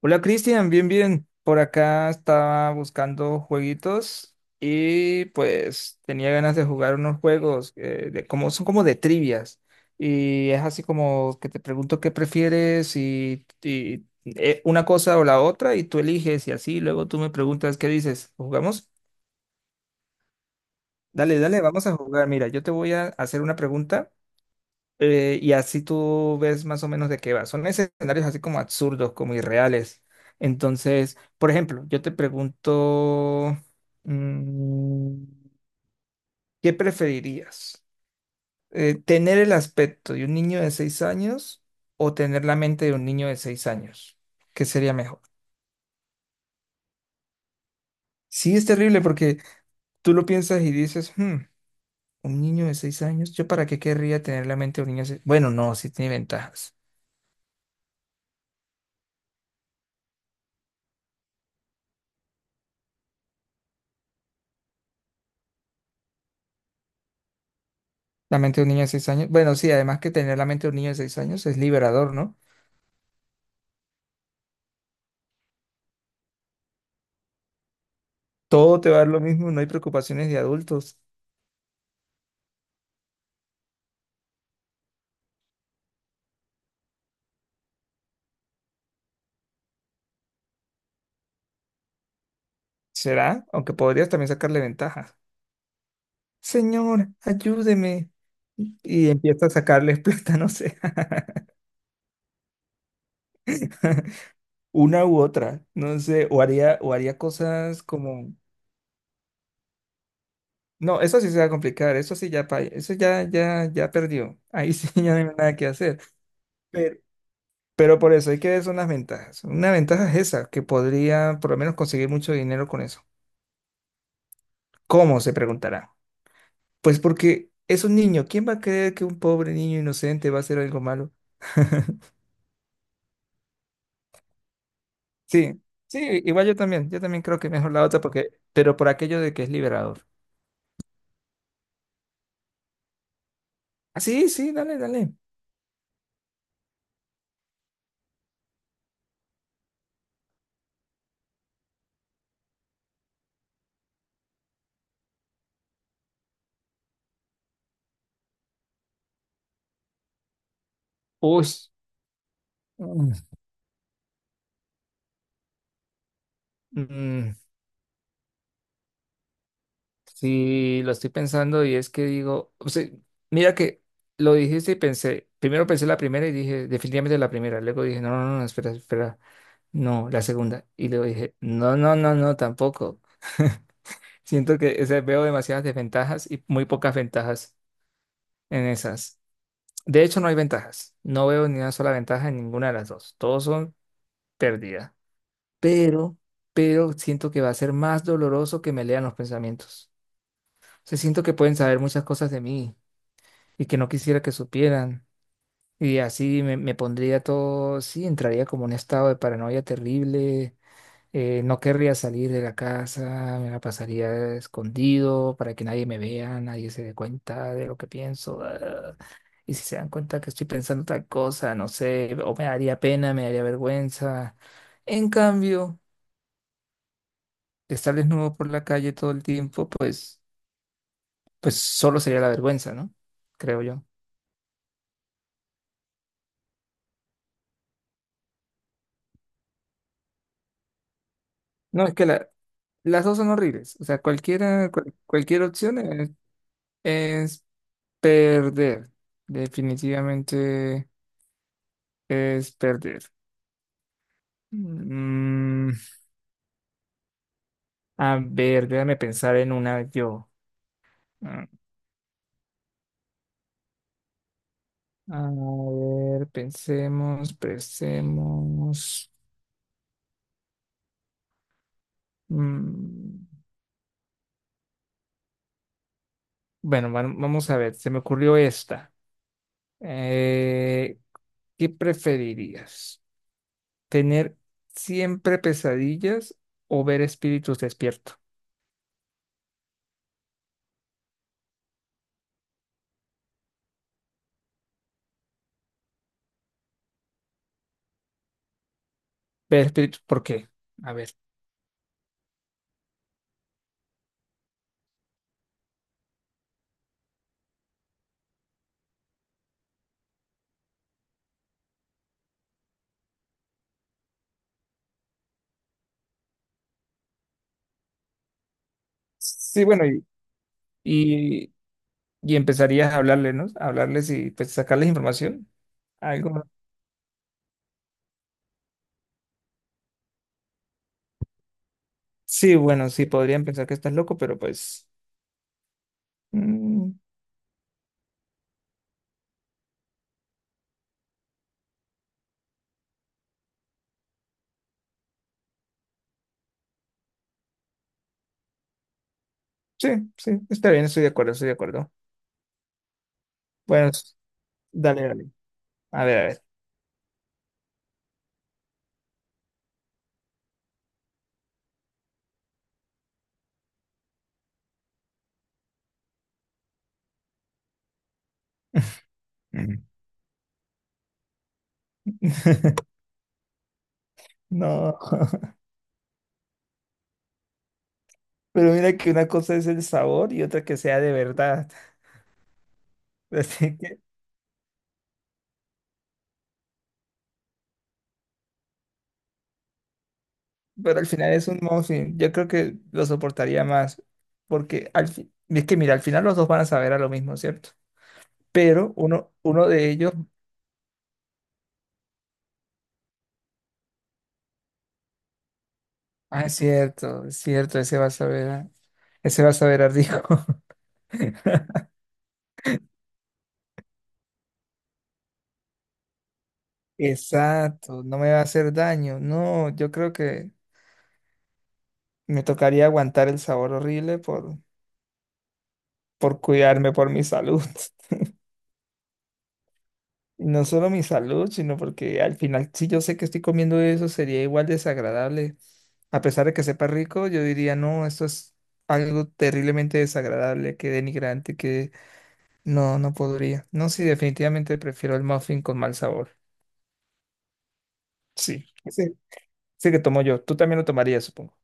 Hola Cristian, bien, bien. Por acá estaba buscando jueguitos y pues tenía ganas de jugar unos juegos de, como son como de trivias. Y es así como que te pregunto qué prefieres y una cosa o la otra y tú eliges y así luego tú me preguntas qué dices. ¿Jugamos? Dale, dale, vamos a jugar. Mira, yo te voy a hacer una pregunta y así tú ves más o menos de qué va. Son escenarios así como absurdos, como irreales. Entonces, por ejemplo, yo te pregunto, mm, ¿qué preferirías? ¿Tener el aspecto de un niño de seis años o tener la mente de un niño de seis años? ¿Qué sería mejor? Sí, es terrible porque tú lo piensas y dices, " un niño de seis años, ¿yo para qué querría tener la mente de un niño de seis? Bueno, no, sí tiene ventajas. La mente de un niño de seis años. Bueno, sí, además que tener la mente de un niño de 6 años es liberador, ¿no? Todo te va a dar lo mismo, no hay preocupaciones de adultos. ¿Será? Aunque podrías también sacarle ventajas. Señor, ayúdeme. Y empieza a sacarles plata, no sé. Una u otra, no sé. O haría cosas como. No, eso sí se va a complicar, eso sí ya, eso ya, ya, ya perdió. Ahí sí ya no hay nada que hacer. Pero, Pero por eso hay que ver son las ventajas. Una ventaja es esa, que podría por lo menos conseguir mucho dinero con eso. ¿Cómo? Se preguntará. Pues porque es un niño. ¿Quién va a creer que un pobre niño inocente va a hacer algo malo? Sí, sí, igual yo también. Yo también creo que mejor la otra porque, pero por aquello de que es liberador. Ah, sí, sí, dale, dale. Uy. Mm. Mm, sí, lo estoy pensando y es que digo, o sea, mira que lo dijiste y pensé, primero pensé la primera y dije, definitivamente la primera, luego dije, no, no, no, espera, espera, no, la segunda, y luego dije, no, no, no, no, tampoco. Siento que o sea, veo demasiadas desventajas y muy pocas ventajas en esas. De hecho, no hay ventajas, no veo ni una sola ventaja en ninguna de las dos, todos son pérdidas, pero, pero siento que va a ser más doloroso que me lean los pensamientos. O sea, siento que pueden saber muchas cosas de mí y que no quisiera que supieran. Y así me pondría todo, sí, entraría como en un estado de paranoia terrible, no querría salir de la casa, me la pasaría escondido para que nadie me vea, nadie se dé cuenta de lo que pienso. Ah. Y si se dan cuenta que estoy pensando tal cosa, no sé, o me daría pena, me daría vergüenza. En cambio, estar desnudo por la calle todo el tiempo, pues, pues solo sería la vergüenza, ¿no? Creo yo. No, es que la, las dos son horribles. O sea, cualquiera, cualquier opción es perder. Definitivamente es perder. Mm, a ver, déjame pensar en una yo. Mm. A ver, pensemos, pensemos. Mm, bueno, vamos a ver, se me ocurrió esta. Eh, ¿Qué preferirías? ¿Tener siempre pesadillas o ver espíritus despiertos? Ver, ¿por qué? A ver. Sí, bueno, Y, y empezarías a hablarles, ¿no? A hablarles y pues sacarles información. Algo. Sí, bueno, sí, podrían pensar que estás loco, pero pues. mm, sí, sí, está bien, estoy de acuerdo, estoy de acuerdo. Bueno, dale, dale. A ver, a ver. Ujú. No, pero mira que una cosa es el sabor y otra que sea de verdad. Así pero al final es un muffin. Yo creo que lo soportaría más. Porque al fin, es que mira, al final los dos van a saber a lo mismo, ¿cierto? Pero uno, uno de ellos, ah, es cierto, ese va a saber a, ese va a saber a rico. Exacto, no me va a hacer daño. No, yo creo que me tocaría aguantar el sabor horrible por cuidarme, por mi salud. Y no solo mi salud, sino porque al final, si yo sé que estoy comiendo eso, sería igual desagradable. A pesar de que sepa rico, yo diría, no, esto es algo terriblemente desagradable, que denigrante, que no, no podría. No, sí, definitivamente prefiero el muffin con mal sabor. Sí, sí, sí que tomo yo. Tú también lo tomarías, supongo.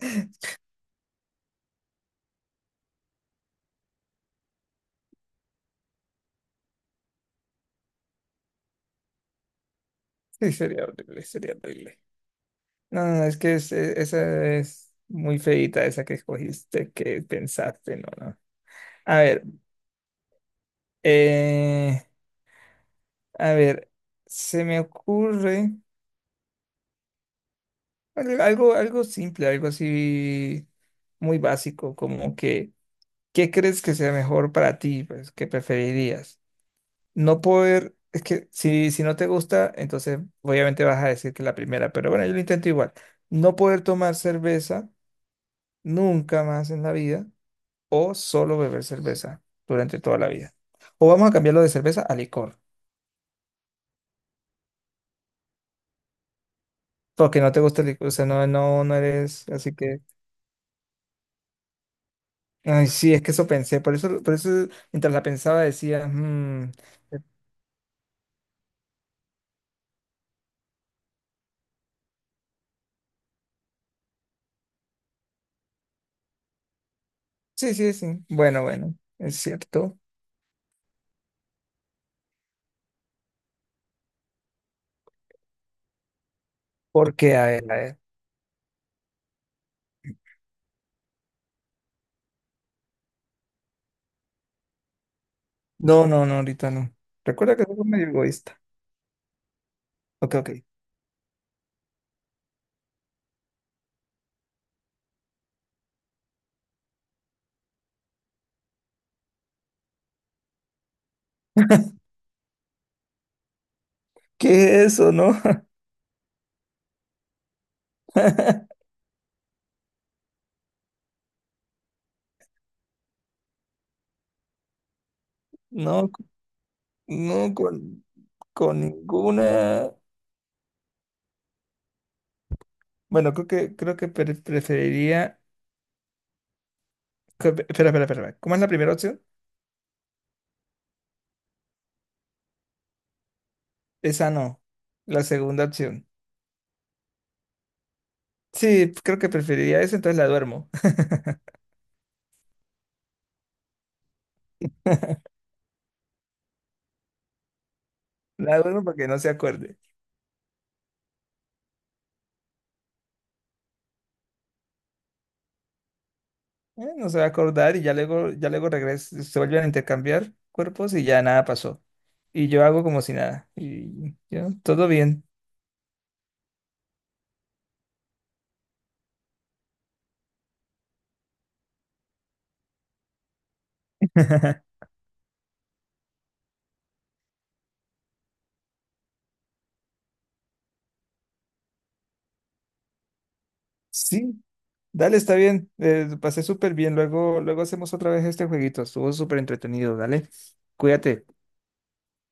Sí, sería horrible, sería horrible. No, no, no, es que esa es muy feita, esa que escogiste, que pensaste, no, no. A ver, eh, a ver, se me ocurre algo, algo simple, algo así muy básico, como que, ¿qué crees que sea mejor para ti? Pues, ¿qué preferirías? No poder, es que si no te gusta, entonces obviamente vas a decir que la primera, pero bueno, yo lo intento igual. No poder tomar cerveza nunca más en la vida o solo beber cerveza durante toda la vida. O vamos a cambiarlo de cerveza a licor, porque no te gusta el licor, o sea, no, no, no eres, así que... Ay, sí, es que eso pensé, por eso mientras la pensaba decía, "Mm, eh, sí, sí, sí, bueno, bueno, es cierto, porque, a ver, no, no, no, ahorita no, recuerda que soy medio egoísta, ok, ok, ¿qué es eso, no? No, no con, con ninguna, bueno, creo que preferiría, que- espera, espera, espera, ¿cómo es la primera opción? Esa no, la segunda opción, sí, creo que preferiría eso, entonces la duermo, la duermo para que no se acuerde. No se va a acordar y ya luego regresa, se vuelven a intercambiar cuerpos y ya nada pasó. Y yo hago como si nada. Y ya, todo bien. Sí, dale, está bien. Pasé súper bien. Luego, luego hacemos otra vez este jueguito. Estuvo súper entretenido. Dale, cuídate.